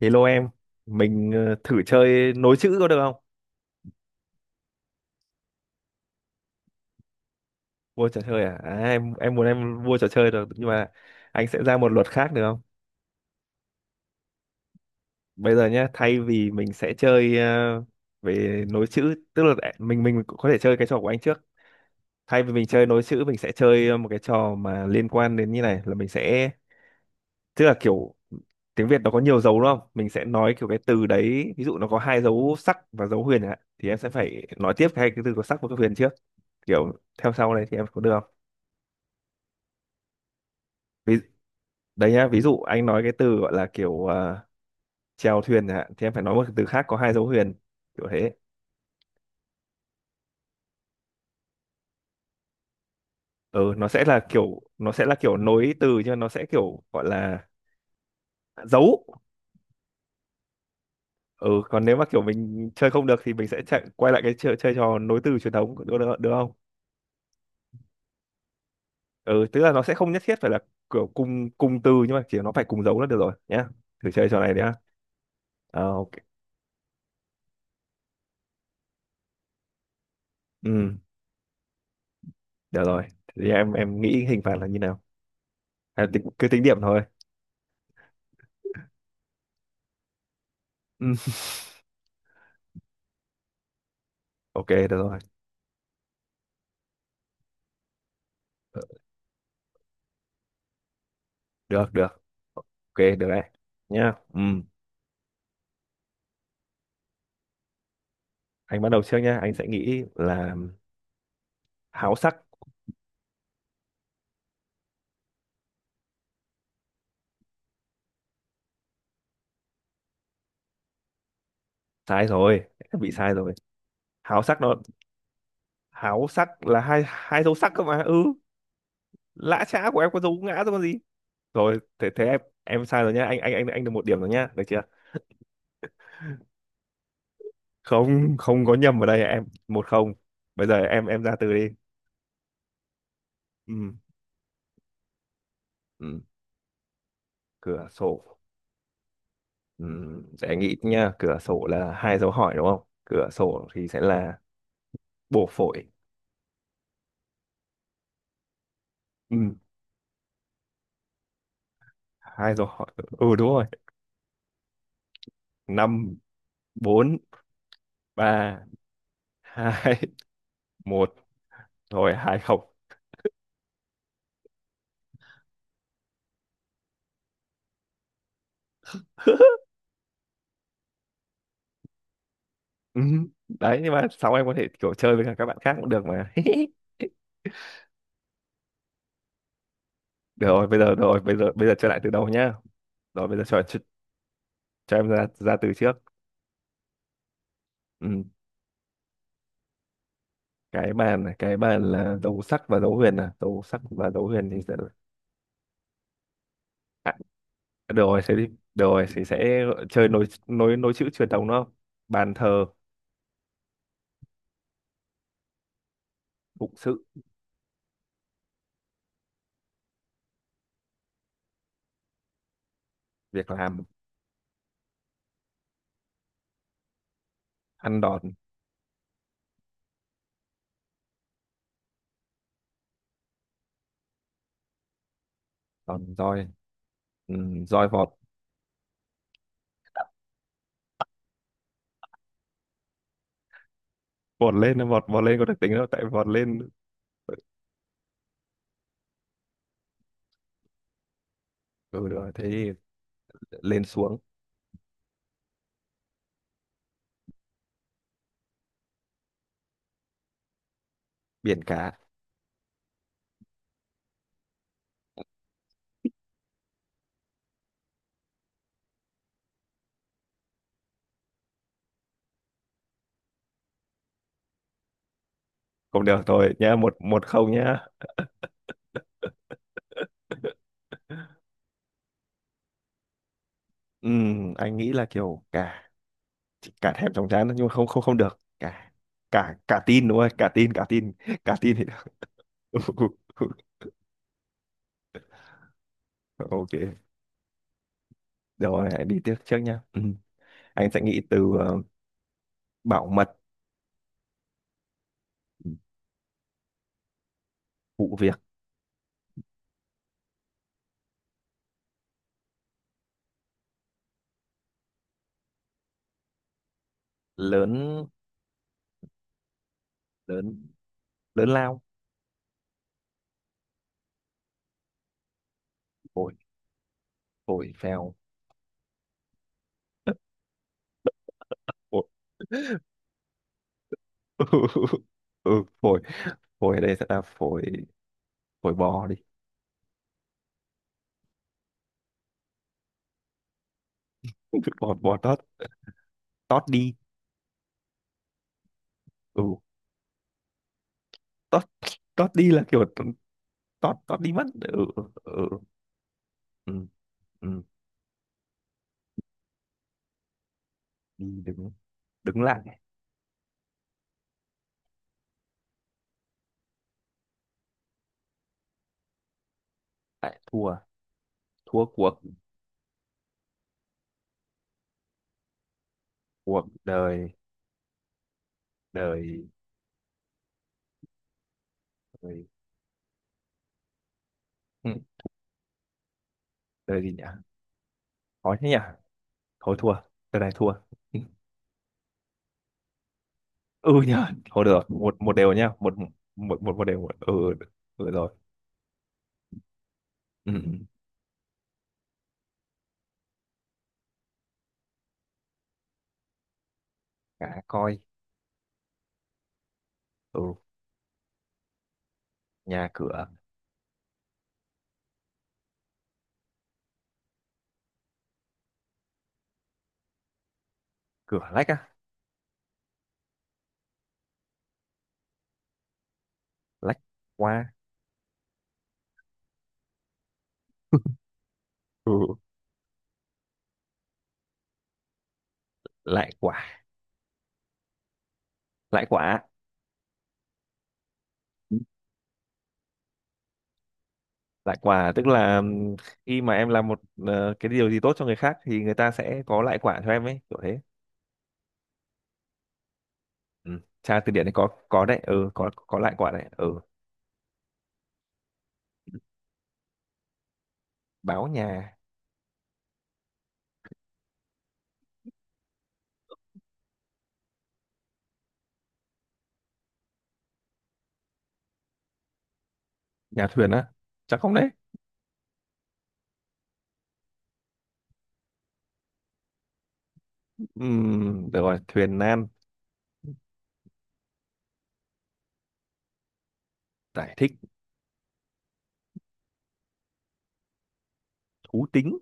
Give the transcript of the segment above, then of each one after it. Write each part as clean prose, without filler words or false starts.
Hello em, mình thử chơi nối chữ có được không? Vua trò chơi à? À, em muốn em vua trò chơi được nhưng mà anh sẽ ra một luật khác được không? Bây giờ nhá, thay vì mình sẽ chơi về nối chữ, tức là mình có thể chơi cái trò của anh trước. Thay vì mình chơi nối chữ, mình sẽ chơi một cái trò mà liên quan đến như này là mình sẽ tức là kiểu tiếng Việt nó có nhiều dấu đúng không? Mình sẽ nói kiểu cái từ đấy, ví dụ nó có hai dấu sắc và dấu huyền ạ, thì em sẽ phải nói tiếp cái từ có sắc và cái huyền trước, kiểu theo sau này thì em có được không? Ví, đấy nhá, ví dụ anh nói cái từ gọi là kiểu à, chèo thuyền chẳng hạn thì em phải nói một cái từ khác có hai dấu huyền, kiểu thế. Ừ, nó sẽ là kiểu, nó sẽ là kiểu nối từ nhưng nó sẽ kiểu gọi là dấu. Ừ, còn nếu mà kiểu mình chơi không được thì mình sẽ chạy quay lại cái chơi, chơi trò nối từ truyền thống được không? Ừ, tức là nó sẽ không nhất thiết phải là kiểu cùng cùng từ nhưng mà chỉ nó phải cùng dấu là được rồi nhá. Thử chơi trò này nhá. À, ok. Ừ, được rồi. Thế thì em nghĩ hình phạt là như nào? À, tính, cứ tính điểm thôi. Ừ. Ok, được rồi. Được được. Ok, được đấy. Nhá. Ừ. Anh bắt đầu trước nhá. Anh sẽ nghĩ là háo sắc. Sai rồi. Bị sai rồi. Háo sắc nó, háo sắc là hai hai dấu sắc cơ mà. Ừ. Lã chã của em có dấu ngã rồi còn gì. Rồi, thế thế em sai rồi nhá. Anh được một điểm rồi nhá. Được chưa? Không, không có nhầm ở đây em. Một không. Bây giờ em ra từ đi. Ừ. Ừ. Cửa sổ. Ừ. Để anh nghĩ nhá. Cửa sổ là hai dấu hỏi đúng không? Cửa sổ thì sẽ là bổ phổi. Ừ. Hai dấu hỏi. Ừ, đúng rồi. Năm, bốn, ba, hai, một, rồi hai không. Ừ, đấy nhưng mà sau em có thể kiểu chơi với cả các bạn khác cũng được mà. Được rồi bây giờ, rồi bây giờ, bây giờ chơi lại từ đầu nhá. Rồi bây giờ cho em ra ra từ trước. Ừ. Cái bàn này, cái bàn là dấu sắc và dấu huyền, à dấu sắc và dấu huyền thì sẽ, à, được rồi thế đi, được rồi thì sẽ chơi nối nối nối chữ truyền thống đúng không? Bàn thờ, phụng sự, việc làm, ăn đòn, đòn roi. Ừ, roi vọt, vọt lên, vọt vọt lên có được tính đâu tại vọt lên. Ừ rồi thế thì lên xuống, biển cả. Cũng được thôi nhá, một một không nhá. Anh nghĩ là kiểu cả, cả thèm chóng chán nhưng mà không không không được, cả cả cả tin đúng không, cả tin, cả tin. Cả tin thì được. Ok. Rồi hãy đi tiếp trước nhá. Anh sẽ nghĩ từ bảo mật, vụ việc lớn, lớn lớn lao, phổi, phổi phèo, phổi. Ừ, ừ, phổi. Phổi ở đây sẽ là phổi, phổi bò đi. Bò bò tót, tót đi. Ừ, tót tót đi là kiểu tót tót đi mất. Ừ ừ ừ ừ ừ. Đi đứng, đứng lại, lại thua, thua cuộc, cuộc đời, đời đời, ừ, đời gì nhỉ, khó thế nhỉ, thôi thua, đời này thua. Ừ nhỉ. Thôi được, một một đều nhá, một, một một một đều, ừ ừ rồi, ừ ừ. Cá coi. Ừ, nhà cửa. Cửa lách á, lách qua. Ừ, lại quá. Lãi quả. Lãi quả tức là, khi mà em làm một cái điều gì tốt cho người khác thì người ta sẽ có lãi quả cho em ấy, kiểu thế. Ừ. Tra từ điển này có đấy, ừ, có lãi quả đấy. Ừ, báo nhà, nhà thuyền á, chắc không đấy. Được rồi, thuyền nan, giải thích, thú tính,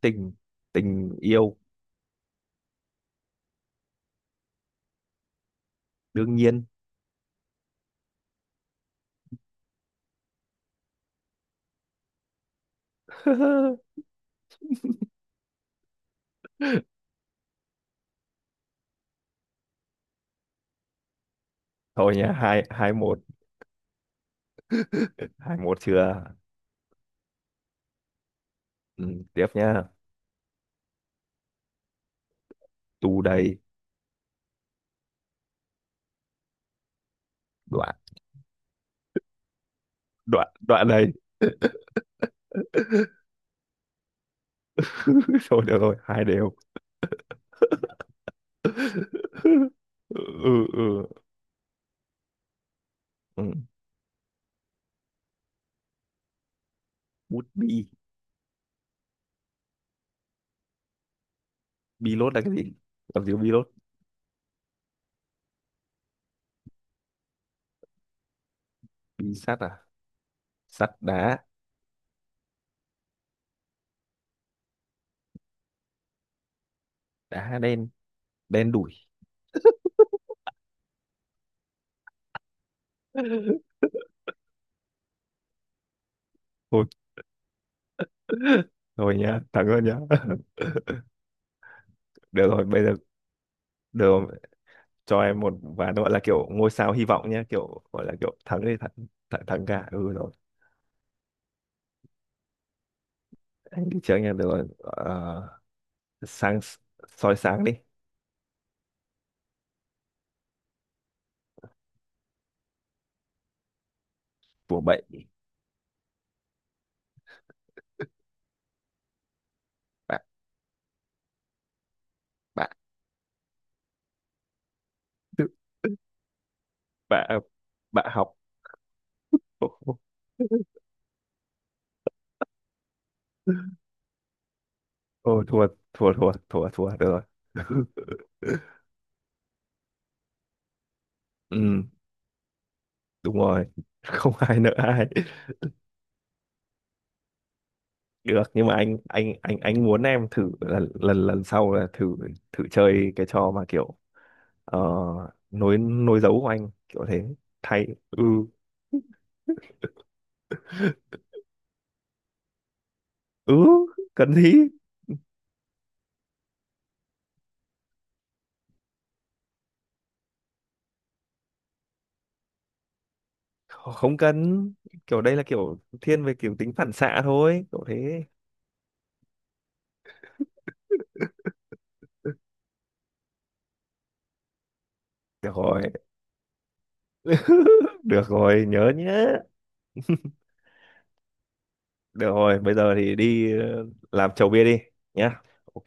tình, tình yêu, đương nhiên. Thôi nhá, hai hai một, hai một chưa. Ừ, tiếp nhá. Tù đầy, đoạn, đoạn đoạn đầy. Thôi được rồi, hai đều. Ừ ừ ừ. Ừ. Bút bi. Bi lốt là cái gì? Làm gì có bi lốt. Bi sắt à, sắt đá, đá đen, đen đủi thôi. Thôi nhá, thắng rồi nhá. Được rồi bây giờ, được rồi. Cho em một ván gọi là kiểu ngôi sao hy vọng nhá, kiểu gọi là kiểu thắng thì thắng, thắng, thắng cả. Ừ rồi. Anh đi trước nha, được rồi. Ờ, sáng, soi sáng đi, của bệnh, bạn, bạn, bạn, bạn học. Ôi thua, thua thua thua thua được rồi. Ừ, đúng rồi. Không ai nợ ai. Được, nhưng mà anh muốn em thử lần lần lần sau là thử, thử chơi cái trò mà kiểu ờ, nối nối dấu của anh kiểu thế, thay. Ừ, ừ cần gì, không cần, kiểu đây là kiểu thiên về kiểu tính phản xạ thôi, kiểu thế. Được rồi. Được rồi nhớ nhé. Được rồi bây giờ thì đi làm chầu bia đi nhá. Ok.